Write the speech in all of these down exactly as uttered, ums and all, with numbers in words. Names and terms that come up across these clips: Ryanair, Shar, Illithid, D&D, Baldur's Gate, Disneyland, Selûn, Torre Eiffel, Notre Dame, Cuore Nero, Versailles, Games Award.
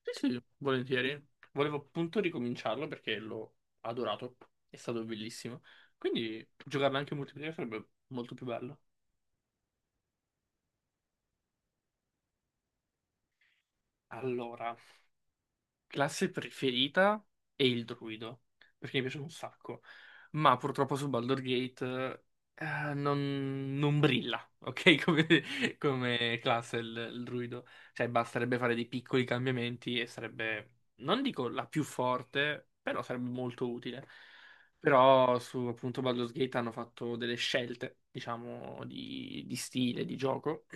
Sì, sì, volentieri. Volevo appunto ricominciarlo perché l'ho adorato. È stato bellissimo. Quindi giocarlo anche in multiplayer sarebbe molto più bello. Allora. Classe preferita è il druido, perché mi piace un sacco, ma purtroppo su Baldur's Gate eh, non, non brilla, ok? Come, come classe il, il druido. Cioè basterebbe fare dei piccoli cambiamenti e sarebbe, non dico la più forte, però sarebbe molto utile. Però su appunto Baldur's Gate hanno fatto delle scelte, diciamo, di, di stile, di gioco,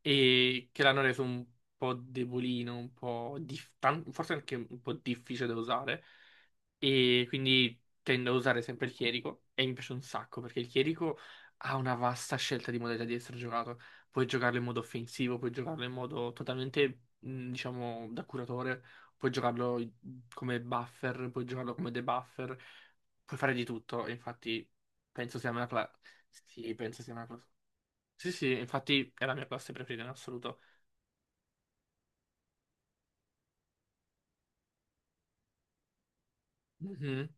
e che l'hanno reso un po' debolino, un po' dif- tan- forse anche un po' difficile da usare e quindi tendo a usare sempre il chierico e mi piace un sacco perché il chierico ha una vasta scelta di modalità di essere giocato. Puoi giocarlo in modo offensivo, puoi giocarlo in modo totalmente, mh, diciamo, da curatore, puoi giocarlo come buffer, puoi giocarlo come debuffer, puoi fare di tutto, e infatti penso sia una classe. Sì, penso sia una classe. Sì, sì, infatti è la mia classe preferita in assoluto. Mhm.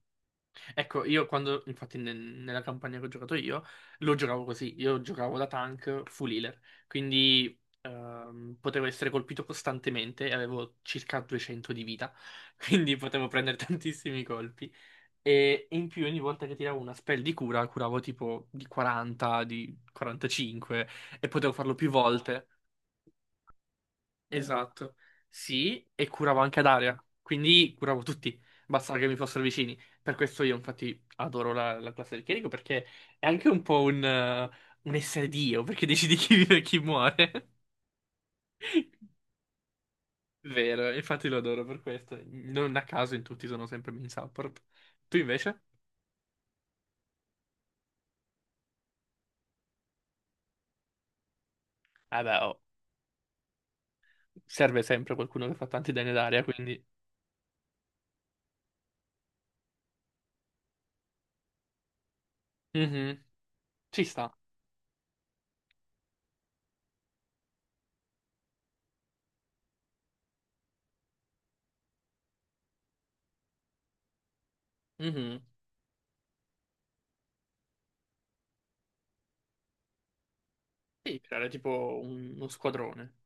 Ecco, io quando, infatti nel- nella campagna che ho giocato io, lo giocavo così, io giocavo da tank full healer, quindi ehm, potevo essere colpito costantemente e avevo circa duecento di vita, quindi potevo prendere tantissimi colpi. E in più ogni volta che tiravo una spell di cura, curavo tipo di quaranta, di quarantacinque e potevo farlo più volte. Esatto, sì, e curavo anche ad area, quindi curavo tutti, bastava che mi fossero vicini. Per questo io infatti adoro la, la classe del chierico perché è anche un po' un, eh, un essere Dio, perché decidi chi vive e chi muore. Vero, infatti lo adoro per questo. Non a caso in tutti sono sempre main support. Tu invece? Eh beh, oh, serve sempre qualcuno che fa tanti danni ad area, quindi... Mhm. Ci sta. Mhm. Sì, creare tipo un- uno squadrone.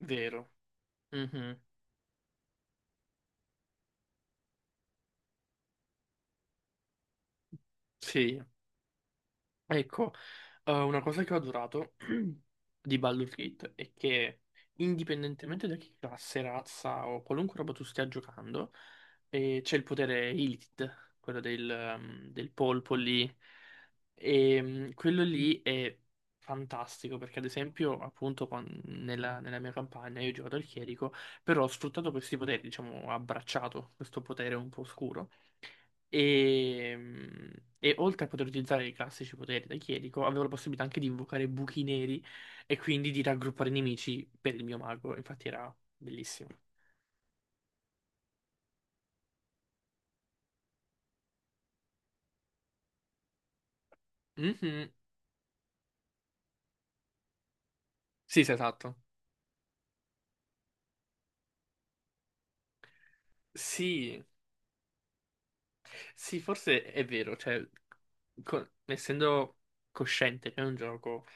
Vero. Mhm. Sì. Ecco, eh, una cosa che ho adorato di Baldur's Gate è che indipendentemente da che classe, razza o qualunque roba tu stia giocando, eh, c'è il potere Illithid, quello del, ehm, del polpo lì, e mm, quello lì è fantastico perché ad esempio appunto quan- nella, nella mia campagna io ho giocato al chierico, però ho sfruttato questi poteri, diciamo, ho abbracciato questo potere un po' oscuro. E, mm, e oltre a poter utilizzare i classici poteri da Chierico, avevo la possibilità anche di invocare buchi neri e quindi di raggruppare nemici per il mio mago. Infatti era bellissimo. Mhm. Sì, sì, esatto. Sì, sì, forse è vero, cioè, co- essendo cosciente che è un gioco,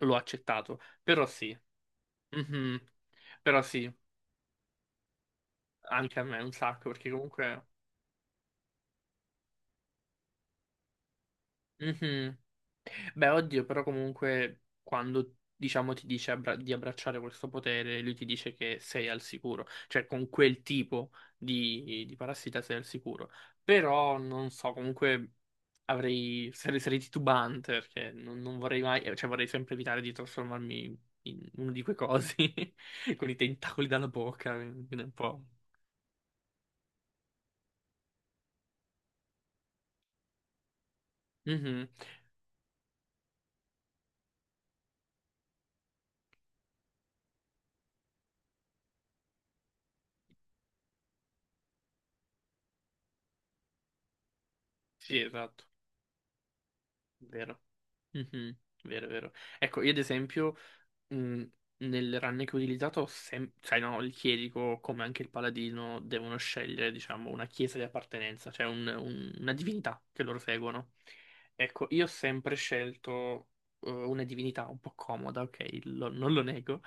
l'ho accettato, però sì. Mhm. Però sì, anche a me un sacco, perché comunque... Mhm. Beh, oddio, però comunque quando diciamo ti dice abbra- di abbracciare questo potere, lui ti dice che sei al sicuro, cioè con quel tipo di, di parassita sei al sicuro. Però non so, comunque avrei sarei, sarei titubante perché non, non vorrei mai, eh, cioè vorrei sempre evitare di trasformarmi in uno di quei cosi con i tentacoli dalla bocca, quindi è un po'. Mhm. Sì, esatto, vero. Mhm. Vero, vero. Ecco, io ad esempio. Mm, nel run che ho utilizzato, sem- sai, no, il chierico, come anche il paladino, devono scegliere, diciamo, una chiesa di appartenenza, cioè un- un- una divinità che loro seguono. Ecco, io ho sempre scelto eh, una divinità un po' comoda, ok, lo- non lo nego,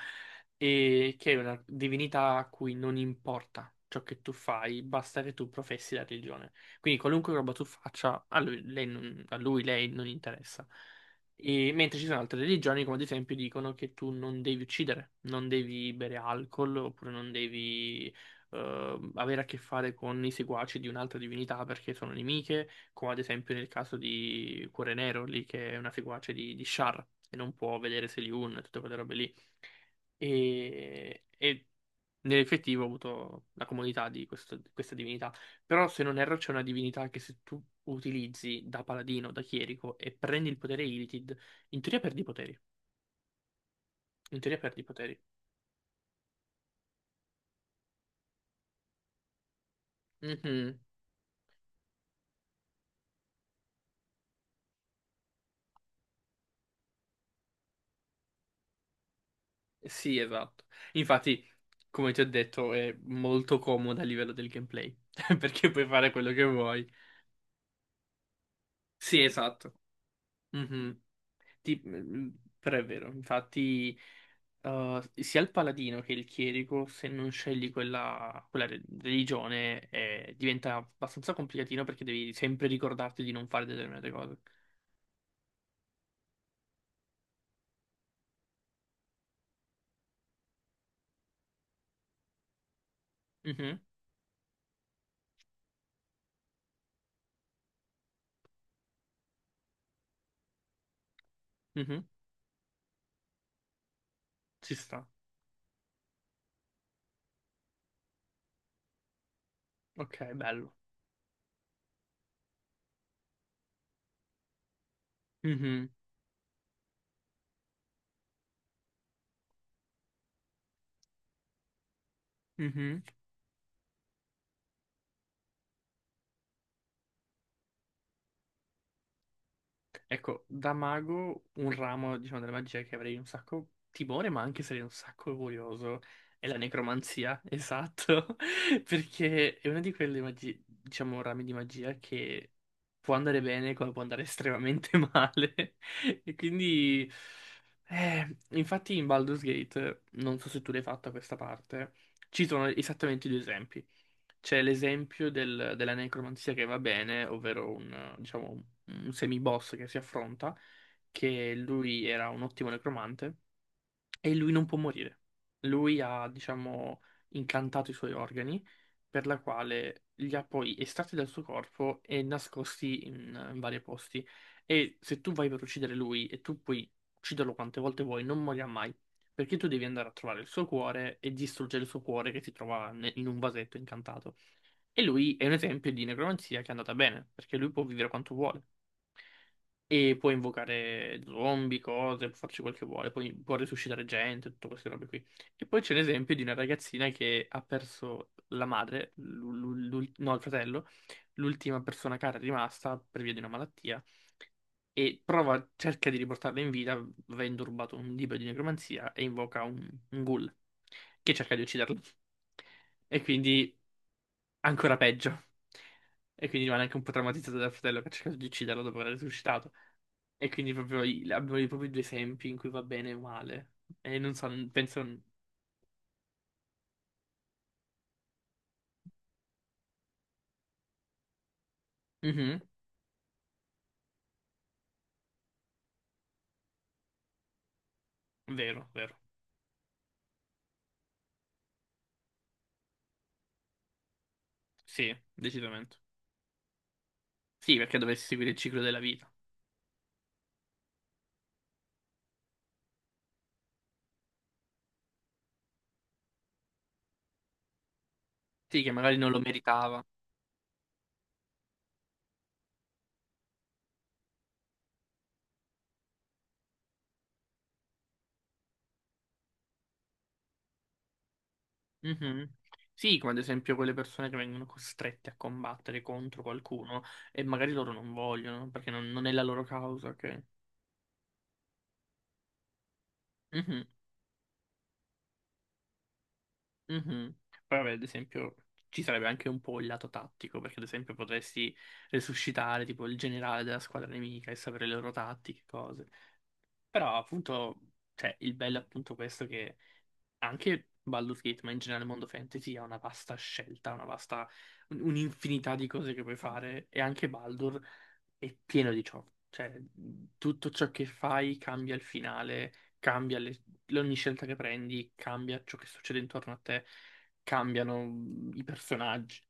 e che è una divinità a cui non importa ciò che tu fai, basta che tu professi la religione. Quindi qualunque roba tu faccia, a lui, lei non- a lui, lei non interessa. E- mentre ci sono altre religioni, come ad esempio, dicono che tu non devi uccidere, non devi bere alcol, oppure non devi eh, avere a che fare con i seguaci di un'altra divinità perché sono nemiche, come ad esempio nel caso di Cuore Nero, lì che è una seguace di, di Shar, e non può vedere Seliun e tutte quelle robe lì. E, e nell'effettivo ho avuto la comunità di questo- di questa divinità. Però, se non erro, c'è una divinità che se tu utilizzi da paladino, da chierico e prendi il potere Illithid, in teoria perdi i poteri. In teoria perdi i poteri. Mhm. Sì, esatto. Infatti, come ti ho detto, è molto comoda a livello del gameplay. Perché puoi fare quello che vuoi. Sì, esatto. Mhm. Ti- Però è vero, infatti, eh, sia il paladino che il chierico, se non scegli quella, quella re- religione, eh, diventa abbastanza complicatino perché devi sempre ricordarti di non fare determinate cose. Mhm, mhm, ci sta. Ok, bello. Mhm, mhm. Ecco, da mago un ramo, diciamo, della magia che avrei un sacco timore, ma anche sarei un sacco curioso, è la necromanzia, esatto, perché è una di quelle magi- diciamo, rami di magia che può andare bene come può andare estremamente male. E quindi, eh, infatti in Baldur's Gate, non so se tu l'hai fatta questa parte, ci sono esattamente due esempi. C'è l'esempio del- della necromanzia che va bene, ovvero un, diciamo, un un semiboss che si affronta, che lui era un ottimo necromante e lui non può morire. Lui ha, diciamo, incantato i suoi organi, per la quale li ha poi estratti dal suo corpo e nascosti in, in vari posti. E se tu vai per uccidere lui e tu puoi ucciderlo quante volte vuoi, non morirà mai. Perché tu devi andare a trovare il suo cuore e distruggere il suo cuore che si trova ne- in un vasetto incantato. E lui è un esempio di necromanzia che è andata bene, perché lui può vivere quanto vuole. E può invocare zombie, cose, può farci quel che vuole, poi può risuscitare gente, tutte queste robe qui. E poi c'è l'esempio di una ragazzina che ha perso la madre, l'u- l'u- l'ul- no, il fratello, l'ultima persona cara rimasta per via di una malattia, e prova, cerca di riportarla in vita avendo rubato un libro di necromanzia e invoca un, un ghoul che cerca di ucciderla. E quindi ancora peggio. E quindi rimane anche un po' traumatizzato dal fratello che ha cercato di ucciderlo dopo aver risuscitato. E quindi proprio i- abbiamo i- proprio i due esempi in cui va bene e male. E non so, penso... Mhm. Vero, vero. Sì, decisamente. Sì, perché dovessi seguire il ciclo della vita. Sì, che magari non lo meritava. Mhm. Sì, come ad esempio quelle persone che vengono costrette a combattere contro qualcuno e magari loro non vogliono perché non, non è la loro causa, ok? Mhm. Mhm. Poi vabbè, ad esempio, ci sarebbe anche un po' il lato tattico, perché ad esempio potresti resuscitare tipo il generale della squadra nemica e sapere le loro tattiche, cose. Però appunto, cioè, il bello è appunto questo che anche Baldur's Gate, ma in generale il mondo fantasy ha una vasta scelta, una vasta, un- un'infinità di cose che puoi fare e anche Baldur è pieno di ciò. Cioè, tutto ciò che fai cambia il finale, cambia le- ogni scelta che prendi, cambia ciò che succede intorno a te, cambiano i personaggi.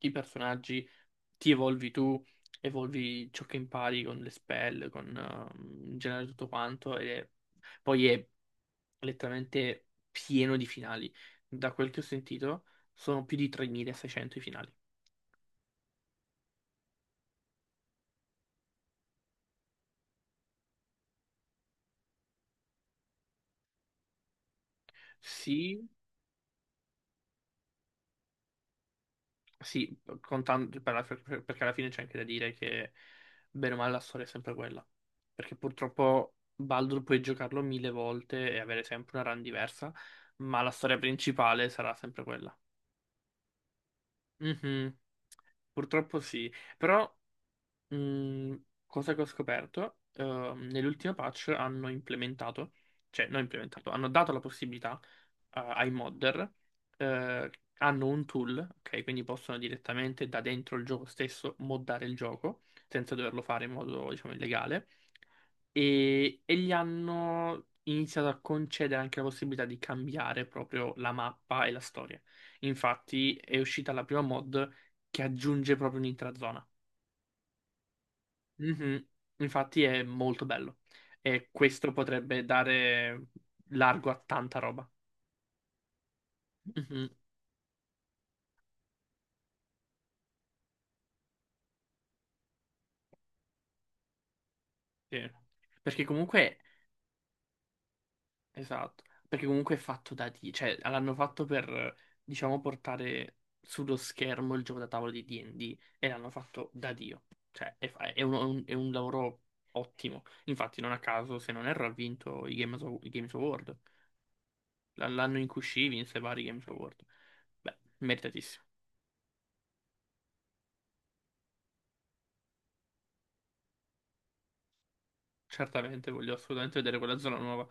I personaggi, ti evolvi tu, evolvi ciò che impari con le spell, con eh, in generale tutto quanto e poi è letteralmente pieno di finali. Da quel che ho sentito, sono più di tremilaseicento i finali. Sì, sì, contando, per la- per- perché alla fine c'è anche da dire che bene o male la storia è sempre quella. Perché purtroppo Baldur puoi giocarlo mille volte e avere sempre una run diversa, ma la storia principale sarà sempre quella. Mhm. Purtroppo sì, però Mm, cosa che ho scoperto, ehm, nell'ultima patch hanno implementato, cioè non implementato, hanno dato la possibilità eh, ai modder, eh, hanno un tool, ok, quindi possono direttamente da dentro il gioco stesso moddare il gioco senza doverlo fare in modo, diciamo, illegale e, e gli hanno iniziato a concedere anche la possibilità di cambiare proprio la mappa e la storia. Infatti è uscita la prima mod che aggiunge proprio un'intera zona. Mhm. Infatti è molto bello e questo potrebbe dare largo a tanta roba. Mhm. Sì. Perché comunque, esatto, perché comunque è fatto da D, cioè l'hanno fatto per, diciamo, portare sullo schermo il gioco da tavolo di di e di e l'hanno fatto da Dio. Cioè è, fa- è un, un- è un lavoro ottimo. Infatti non a caso, se non erro, ha vinto i Games, Aw- i Games Award. L- L'anno in cui uscì vinse vari Games Award. Beh, meritatissimo. Certamente, voglio assolutamente vedere quella zona nuova.